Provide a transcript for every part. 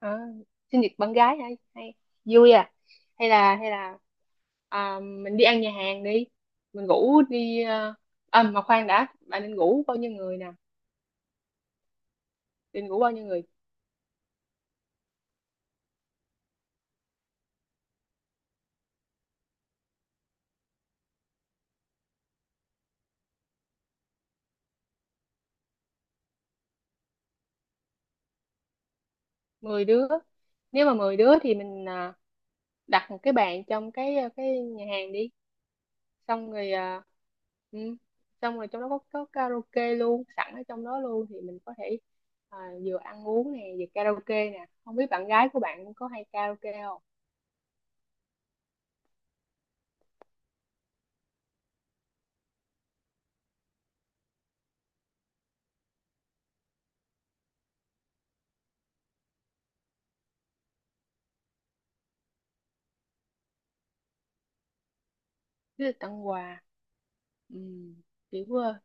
À, sinh nhật bạn gái hay hay vui à? Hay là à, mình đi ăn nhà hàng đi. Mình ngủ đi à, à mà khoan đã, bạn nên ngủ bao nhiêu người nè? Định ngủ bao nhiêu người? 10 đứa. Nếu mà 10 đứa thì mình à, đặt một cái bàn trong cái nhà hàng đi. Xong rồi à, ừ, xong rồi trong đó có karaoke luôn sẵn ở trong đó luôn, thì mình có thể à, vừa ăn uống nè vừa karaoke nè. Không biết bạn gái của bạn có hay karaoke không? Thế là tặng quà. Ừ, kiểu vừa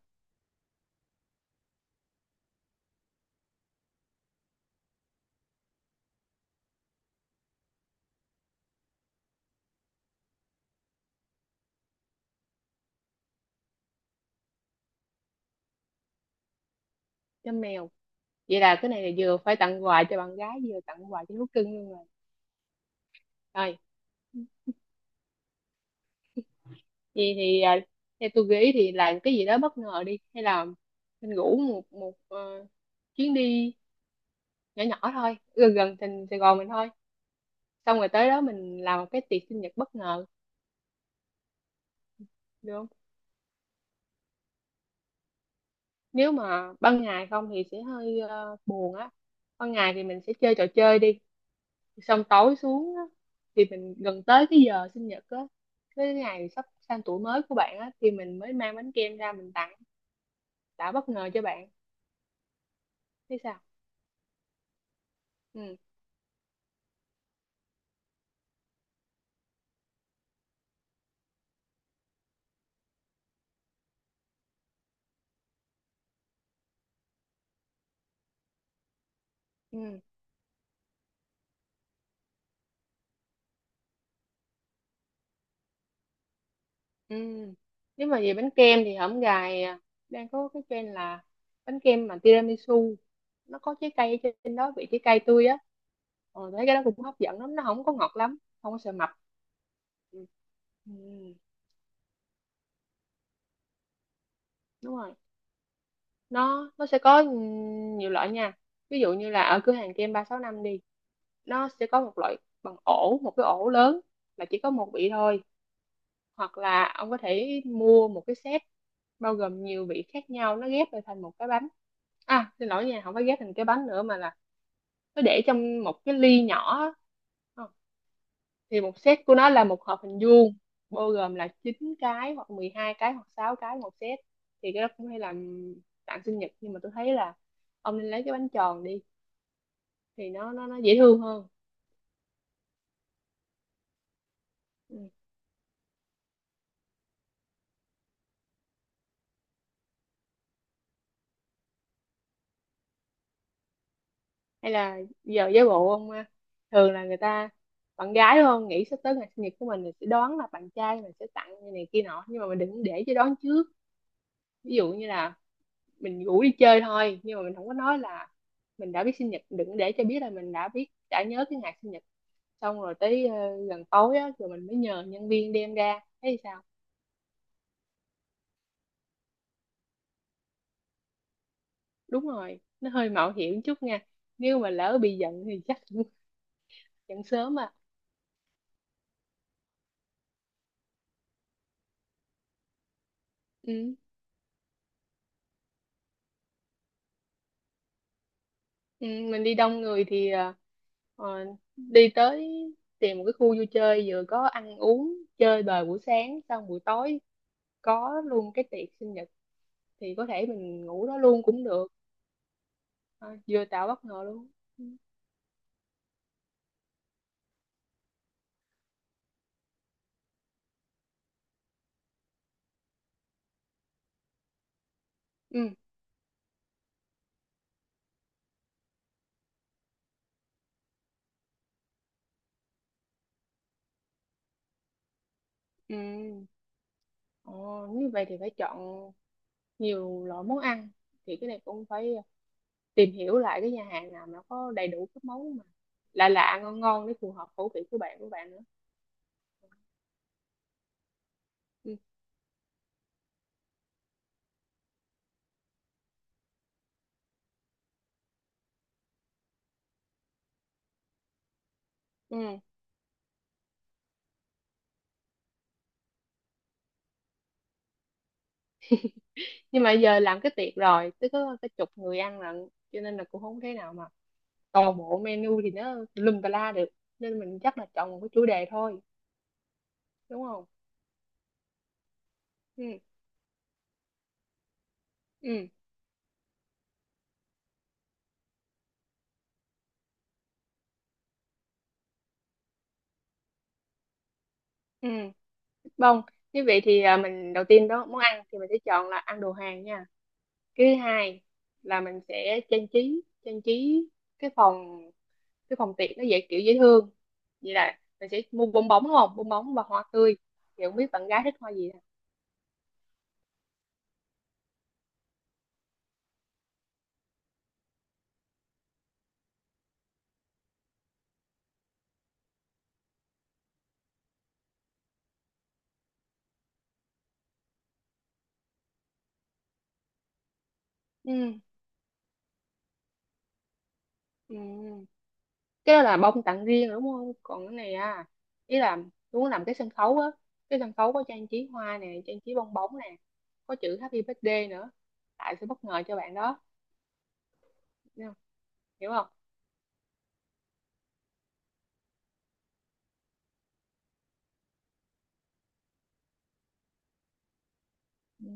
cho mèo. Vậy là cái này là vừa phải tặng quà cho bạn gái vừa tặng quà cho thú cưng luôn rồi. Rồi vậy thì à, theo tôi nghĩ thì làm cái gì đó bất ngờ đi, hay là mình ngủ một một chuyến đi nhỏ nhỏ thôi, gần gần thành Sài Gòn mình thôi. Xong rồi tới đó mình làm một cái tiệc sinh nhật bất ngờ, được không? Nếu mà ban ngày không thì sẽ hơi buồn á. Ban ngày thì mình sẽ chơi trò chơi đi, xong tối xuống á, thì mình gần tới cái giờ sinh nhật á, cái ngày sắp sang tuổi mới của bạn á, thì mình mới mang bánh kem ra mình tặng, đã bất ngờ cho bạn. Thế sao? Ừ. Ừ. Ừ. Nếu mà về bánh kem thì hổm gài à, đang có cái trend là bánh kem mà tiramisu, nó có trái cây ở trên đó, vị trái cây tươi á. Ờ, thấy cái đó cũng hấp dẫn lắm, nó không có ngọt lắm, không có sợ mập. Ừ. Ừ, đúng rồi. Nó sẽ có nhiều loại nha. Ví dụ như là ở cửa hàng kem 365 đi, nó sẽ có một loại bằng ổ, một cái ổ lớn là chỉ có một vị thôi. Hoặc là ông có thể mua một cái set bao gồm nhiều vị khác nhau, nó ghép lại thành một cái bánh. À, xin lỗi nha, không phải ghép thành cái bánh nữa, mà là nó để trong một cái ly nhỏ á. Ờ, thì một set của nó là một hộp hình vuông, bao gồm là 9 cái hoặc 12 cái hoặc 6 cái một set. Thì cái đó cũng hay làm tặng sinh nhật, nhưng mà tôi thấy là ông nên lấy cái bánh tròn đi, thì nó dễ thương hơn. Ừ. Hay là giờ giả bộ ông à, thường là người ta, bạn gái đúng không, nghĩ sắp tới ngày sinh nhật của mình thì sẽ đoán là bạn trai mình sẽ tặng như này kia nọ, nhưng mà mình đừng để cho đoán trước. Ví dụ như là mình rủ đi chơi thôi, nhưng mà mình không có nói là mình đã biết sinh nhật, đừng để cho biết là mình đã biết, đã nhớ cái ngày sinh nhật. Xong rồi tới gần tối á, rồi mình mới nhờ nhân viên đem ra, thấy sao? Đúng rồi, nó hơi mạo hiểm chút nha. Nếu mà lỡ bị giận thì chắc cũng giận sớm à. Ừ. Ừ, mình đi đông người thì ờ, đi tới, tìm một cái khu vui chơi vừa có ăn uống chơi bời buổi sáng, xong buổi tối có luôn cái tiệc sinh nhật, thì có thể mình ngủ đó luôn cũng được. Ờ, vừa tạo bất ngờ luôn. Ừ. Ừ. Ồ, nếu vậy thì phải chọn nhiều loại món ăn, thì cái này cũng phải tìm hiểu lại cái nhà hàng nào mà có đầy đủ các món mà lạ lạ ngon ngon để phù hợp khẩu vị của bạn nữa. Ừ. Ừ. Nhưng mà giờ làm cái tiệc rồi tới có cái chục người ăn lận, cho nên là cũng không thể nào mà toàn bộ menu thì nó lùm tà la được. Nên mình chắc là chọn một cái chủ đề thôi, đúng không? Ừ. Ừ. Ừ. Bông, như vậy thì à, mình đầu tiên đó món ăn thì mình sẽ chọn là ăn đồ Hàn nha. Cái thứ hai là mình sẽ trang trí cái phòng, cái phòng tiệc nó dễ, kiểu dễ thương. Vậy là mình sẽ mua bong bóng đúng không? Bong bóng và hoa tươi. Thì không biết bạn gái thích hoa gì hả? Ừ. Ừ. Cái đó là bông tặng riêng rồi đúng không? Còn cái này à, ý là muốn làm cái sân khấu á, cái sân khấu có trang trí hoa nè, trang trí bong bóng nè, có chữ Happy Birthday nữa. Tại sẽ bất ngờ cho bạn đó, hiểu không? Hiểu không? Ừ.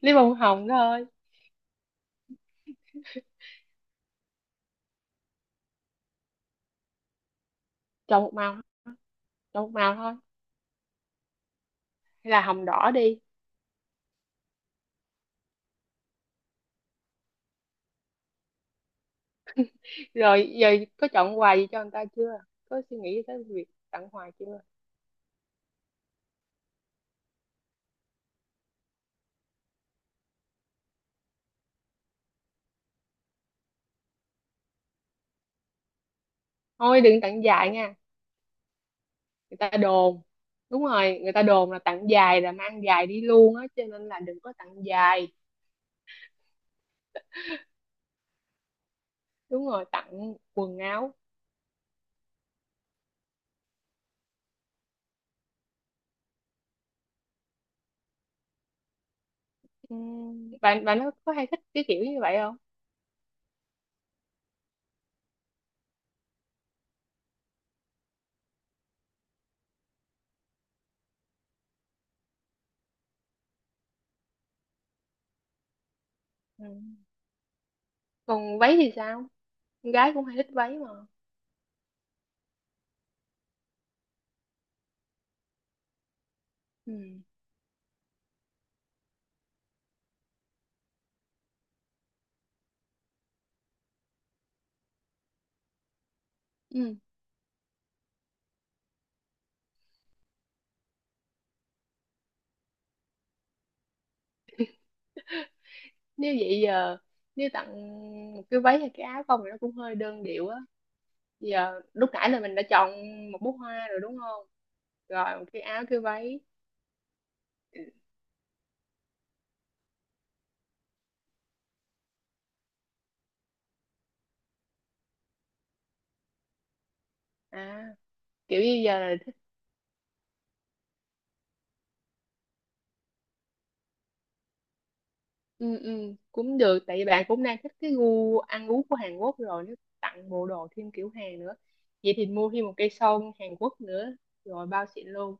Lấy bông hồng thôi. Chọn một màu, chọn một màu thôi. Hay là hồng đỏ đi. Rồi giờ có chọn quà gì cho người ta chưa? Có suy nghĩ tới việc tặng quà chưa? Thôi đừng tặng dài nha. Người ta đồn, đúng rồi, người ta đồn là tặng dài là mang dài đi luôn á, cho nên là đừng có tặng dài. Đúng rồi, tặng quần áo. Bạn bạn có hay thích cái kiểu như vậy không? Ừm. Còn váy thì sao? Con gái cũng hay thích váy mà. Ừm. Nếu vậy giờ, nếu tặng một cái váy hay cái áo không thì nó cũng hơi đơn điệu á. Giờ lúc nãy là mình đã chọn một bó hoa rồi đúng không? Rồi một cái áo, cái váy. À kiểu như giờ là thích. Ừ, ừ, cũng được, tại vì bạn cũng đang thích cái gu ăn uống của Hàn Quốc rồi, nếu tặng bộ đồ thêm kiểu Hàn nữa, vậy thì mua thêm một cây son Hàn Quốc nữa, rồi bao xịn luôn.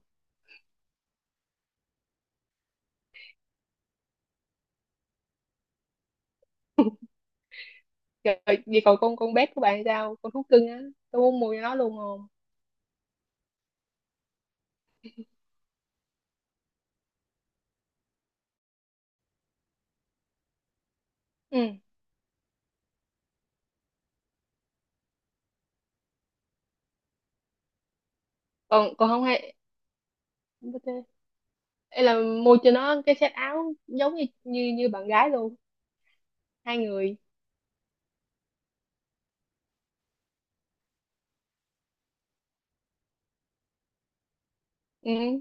Trời, vậy còn con bé của bạn sao, con thú cưng á, tôi muốn mua cho nó luôn không? Ừ. còn còn không hay BT. Ê, là mua cho nó cái set áo giống như như, như bạn gái luôn, hai người. Ừ.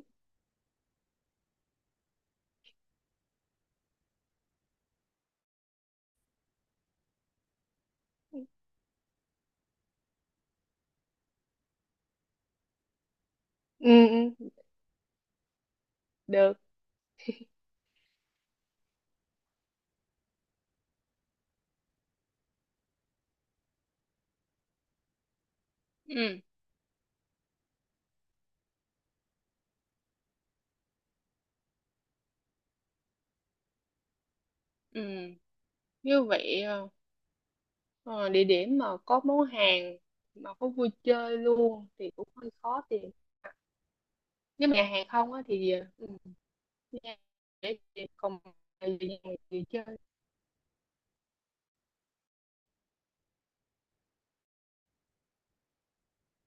Ừ. Ừ. Được. Ừ, ừ. Như vậy ờ, địa điểm mà có món hàng mà có vui chơi luôn thì cũng hơi khó tìm. Nếu mà nhà hàng không á thì nhà- để còn gì, gì chơi,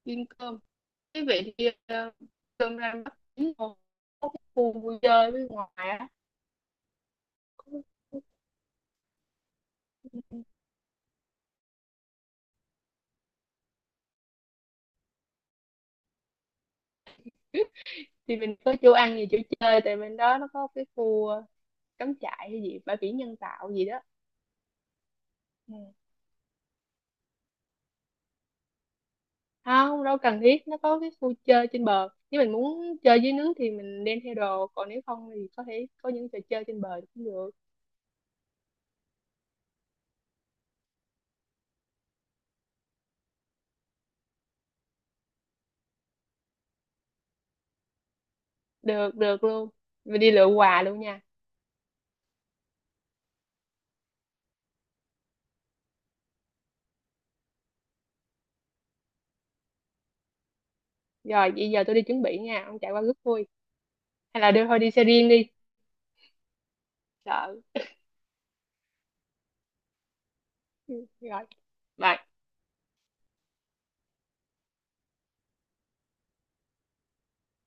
ăn cơm. Như vậy thì cơm ra bắt chín một khu vui chơi bên ngoài á. Thì mình có chỗ ăn gì, chỗ chơi, tại bên đó nó có cái khu cắm trại hay gì, bãi biển nhân tạo gì đó. Ừ. Không đâu cần thiết, nó có cái khu chơi trên bờ, nếu mình muốn chơi dưới nước thì mình đem theo đồ, còn nếu không thì có thể có những trò chơi trên bờ cũng được. Được, được luôn, mình đi lựa quà luôn nha. Rồi bây giờ tôi đi chuẩn bị nha, ông chạy qua rước vui, hay là đưa thôi đi xe riêng đi. Sợ. Ừ, rồi bye.